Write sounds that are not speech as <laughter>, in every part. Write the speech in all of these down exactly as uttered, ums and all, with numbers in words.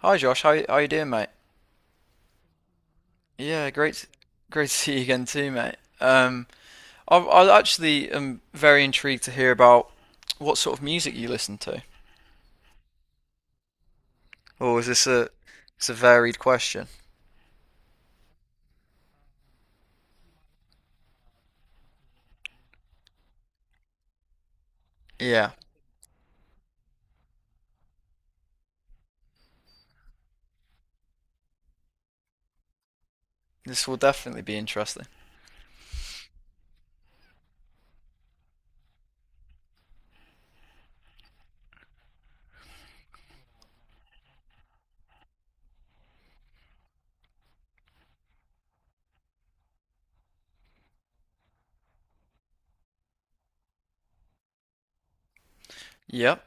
Hi Josh, how how you doing, mate? Yeah, great. Great to see you again too, mate. Um, I I actually am very intrigued to hear about what sort of music you listen to. Or is this a It's a varied question? Yeah, this will definitely be interesting. Yep.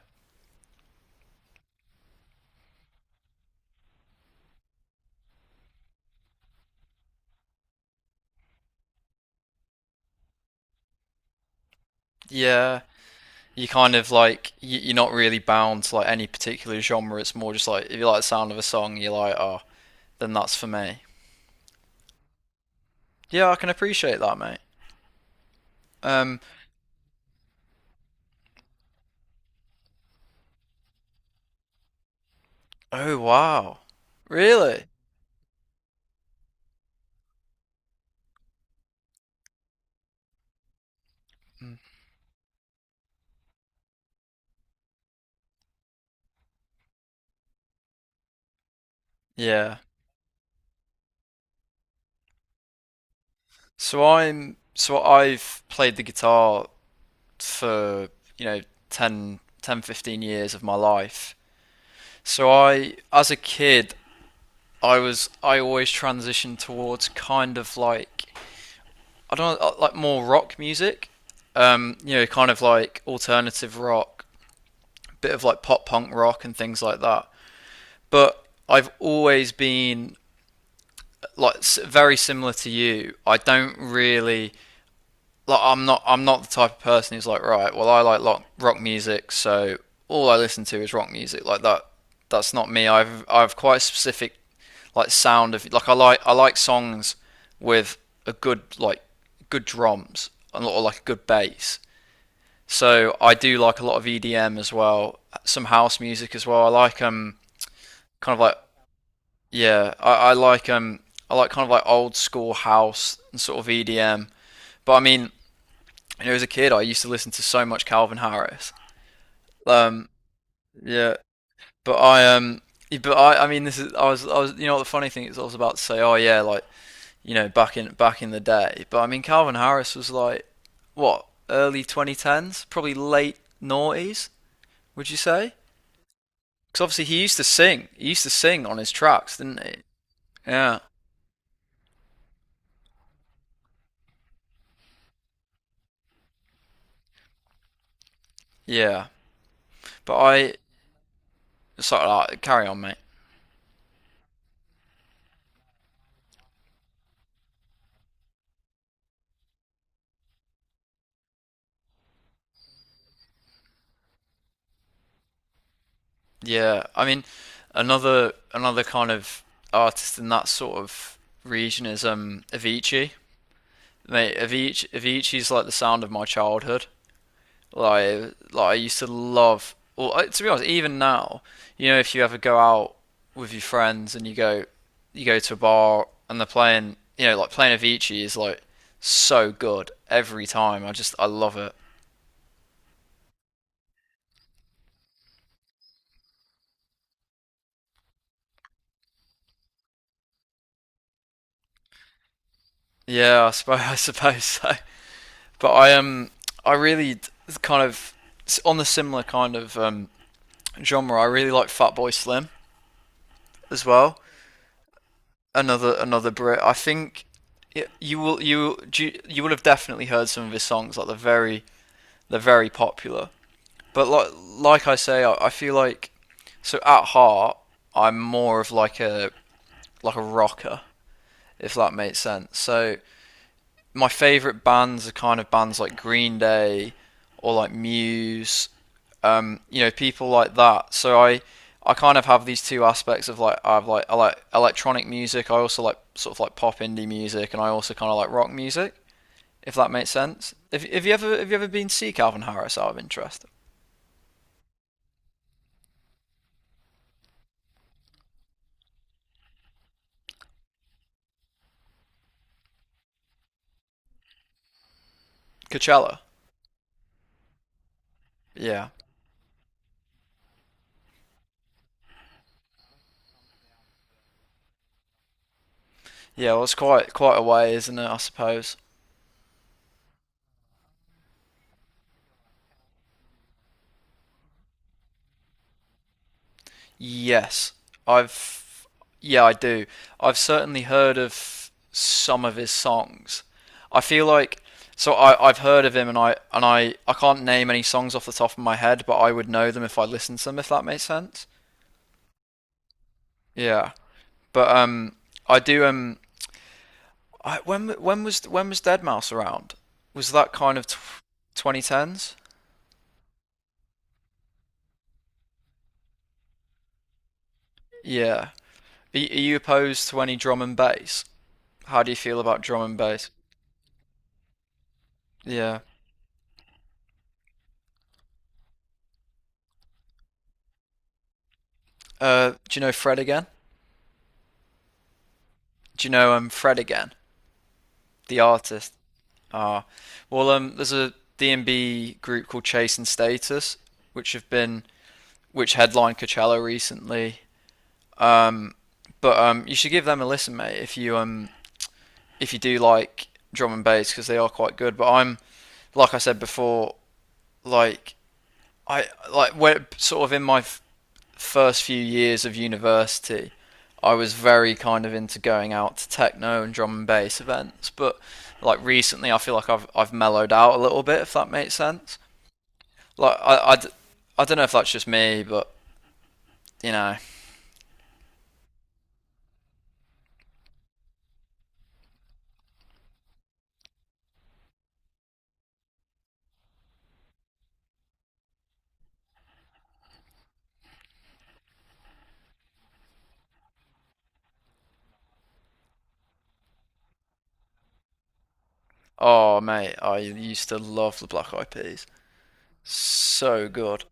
Yeah. You kind of like you, you're not really bound to like any particular genre. It's more just like if you like the sound of a song, you're like, oh, then that's for me. Yeah, I can appreciate that, mate. Um. Oh wow. Really? Yeah. So I'm so I've played the guitar for, you know, ten, ten, fifteen years of my life. So I as a kid, I was I always transitioned towards kind of like I don't know, uh, like more rock music. Um, you know, kind of like alternative rock, a bit of like pop punk rock and things like that. But I've always been like very similar to you. I don't really like, I'm not I'm not the type of person who's like, right, well, I like rock, rock music, so all I listen to is rock music. Like that, that's not me. I've I've quite a specific, like, sound. Of like, I like I like songs with a good like good drums and or like a good bass. So I do like a lot of E D M as well, some house music as well. I like, um kind of like, yeah, I, I like um I like kind of like old school house and sort of E D M. But I mean, and as a kid, I used to listen to so much Calvin Harris. Um, yeah, but I um, yeah, but I, I mean, this is I was, I was, you know, the funny thing is, I was about to say, oh, yeah, like, you know, back in back in the day. But I mean, Calvin Harris was like, what, early twenty tens, probably late noughties, would you say? Because obviously he used to sing, he used to sing on his tracks, didn't he? Yeah, yeah. But I, sorry, like, carry on, mate. Yeah, I mean, another another kind of artist in that sort of region is um Avicii. Mate, Avicii Avicii's like the sound of my childhood. Like like I used to love. Well, I- to be honest, even now, you know, if you ever go out with your friends and you go you go to a bar and they're playing, you know, like playing Avicii is like so good every time. I just I love it. Yeah, I suppose <laughs> I suppose so. But I um I really kind of on the similar kind of, um, genre. I really like Fatboy Slim as well. Another another Brit. I think y you will you you, you will have definitely heard some of his songs. Like they're very they're very popular. But like like I say, I, I feel like, so at heart, I'm more of like a like a rocker, if that makes sense. So my favorite bands are kind of bands like Green Day or like Muse, um, you know, people like that. So I, I kind of have these two aspects of like, I've like I like electronic music. I also like sort of like pop indie music, and I also kind of like rock music. If that makes sense. Have, have you ever have you ever been to see Calvin Harris out of interest? Coachella. Yeah, yeah. Well, it's quite quite a way, isn't it? I suppose. Yes, I've yeah, I do. I've certainly heard of some of his songs. I feel like, so I I've heard of him, and I and I I can't name any songs off the top of my head, but I would know them if I listened to them, if that makes sense. Yeah, but um, I do, um, I when when was when was Dead Mouse around? Was that kind of twenty tens? Yeah. Are, y- are you opposed to any drum and bass? How do you feel about drum and bass? Yeah. Uh, do you know Fred again? Do you know um Fred again, the artist? Ah, well, um there's a D and B group called Chase and Status, which have been which headlined Coachella recently. Um, but um you should give them a listen, mate, if you, um if you do like drum and bass, because they are quite good. But I'm, like I said before, like, I like where, sort of, in my first few years of university, I was very kind of into going out to techno and drum and bass events, but, like, recently, I feel like I've I've mellowed out a little bit, if that makes sense. Like, I I I, d- I don't know if that's just me, but you know. Oh, mate, I used to love the Black Eyed Peas, so good.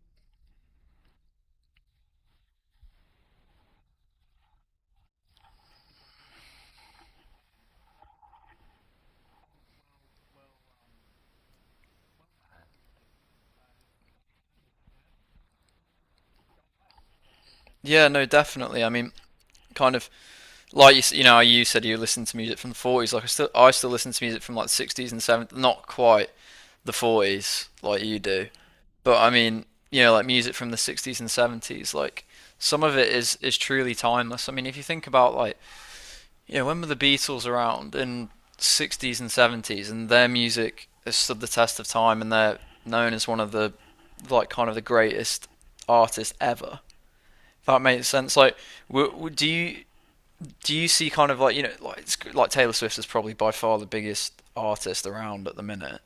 Yeah, no, definitely. I mean, kind of like you, you know, you said you listen to music from the forties. Like I still, I still listen to music from like the sixties and seventies. Not quite the forties like you do, but I mean, you know, like, music from the sixties and seventies. Like some of it is is truly timeless. I mean, if you think about, like, you know, when were the Beatles around, in sixties and seventies, and their music has stood the test of time, and they're known as one of the like kind of the greatest artists ever. If that makes sense. Like, do you do you see, kind of, like you know like it's, like Taylor Swift is probably by far the biggest artist around at the minute.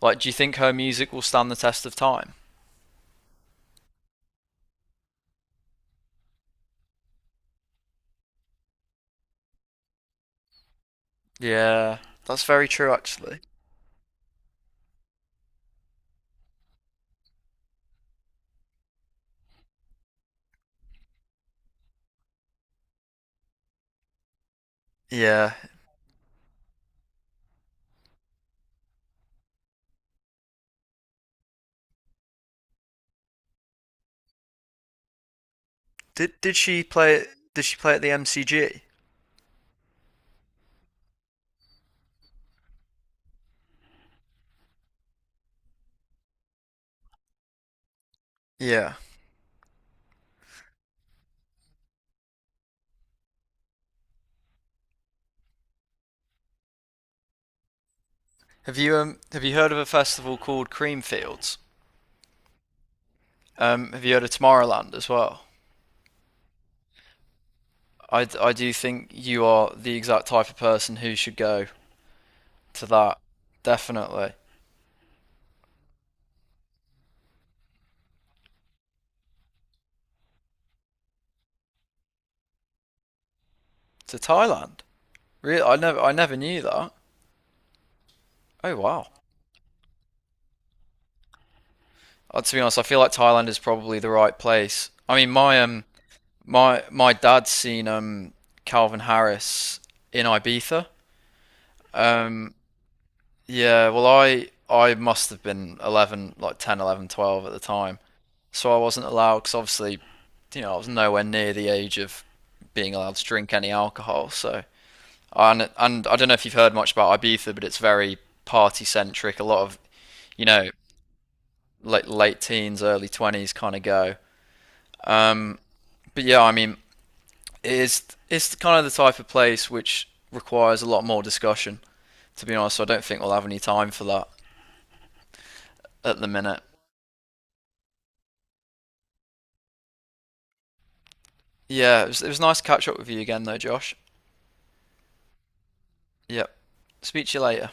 Like, do you think her music will stand the test of time? Yeah, that's very true, actually. Yeah. Did did she play did she play at the M C G? Yeah. Have you um have you heard of a festival called Creamfields? Um, have you heard of Tomorrowland as well? I I do think you are the exact type of person who should go to that. Definitely to Thailand. Really, I never I never knew that. Oh wow. Uh, to be honest, I feel like Thailand is probably the right place. I mean, my um, my my dad's seen um Calvin Harris in Ibiza. Um, yeah. Well, I I must have been eleven, like ten, eleven, twelve at the time, so I wasn't allowed, because obviously, you know, I was nowhere near the age of being allowed to drink any alcohol. So and and I don't know if you've heard much about Ibiza, but it's very party centric. A lot of, you know, like, late teens, early twenties kind of go. Um, But yeah, I mean, it's it's kind of the type of place which requires a lot more discussion. To be honest, so I don't think we'll have any time for that at the minute. Yeah, it was, it was nice to catch up with you again, though, Josh. Yep. Speak to you later.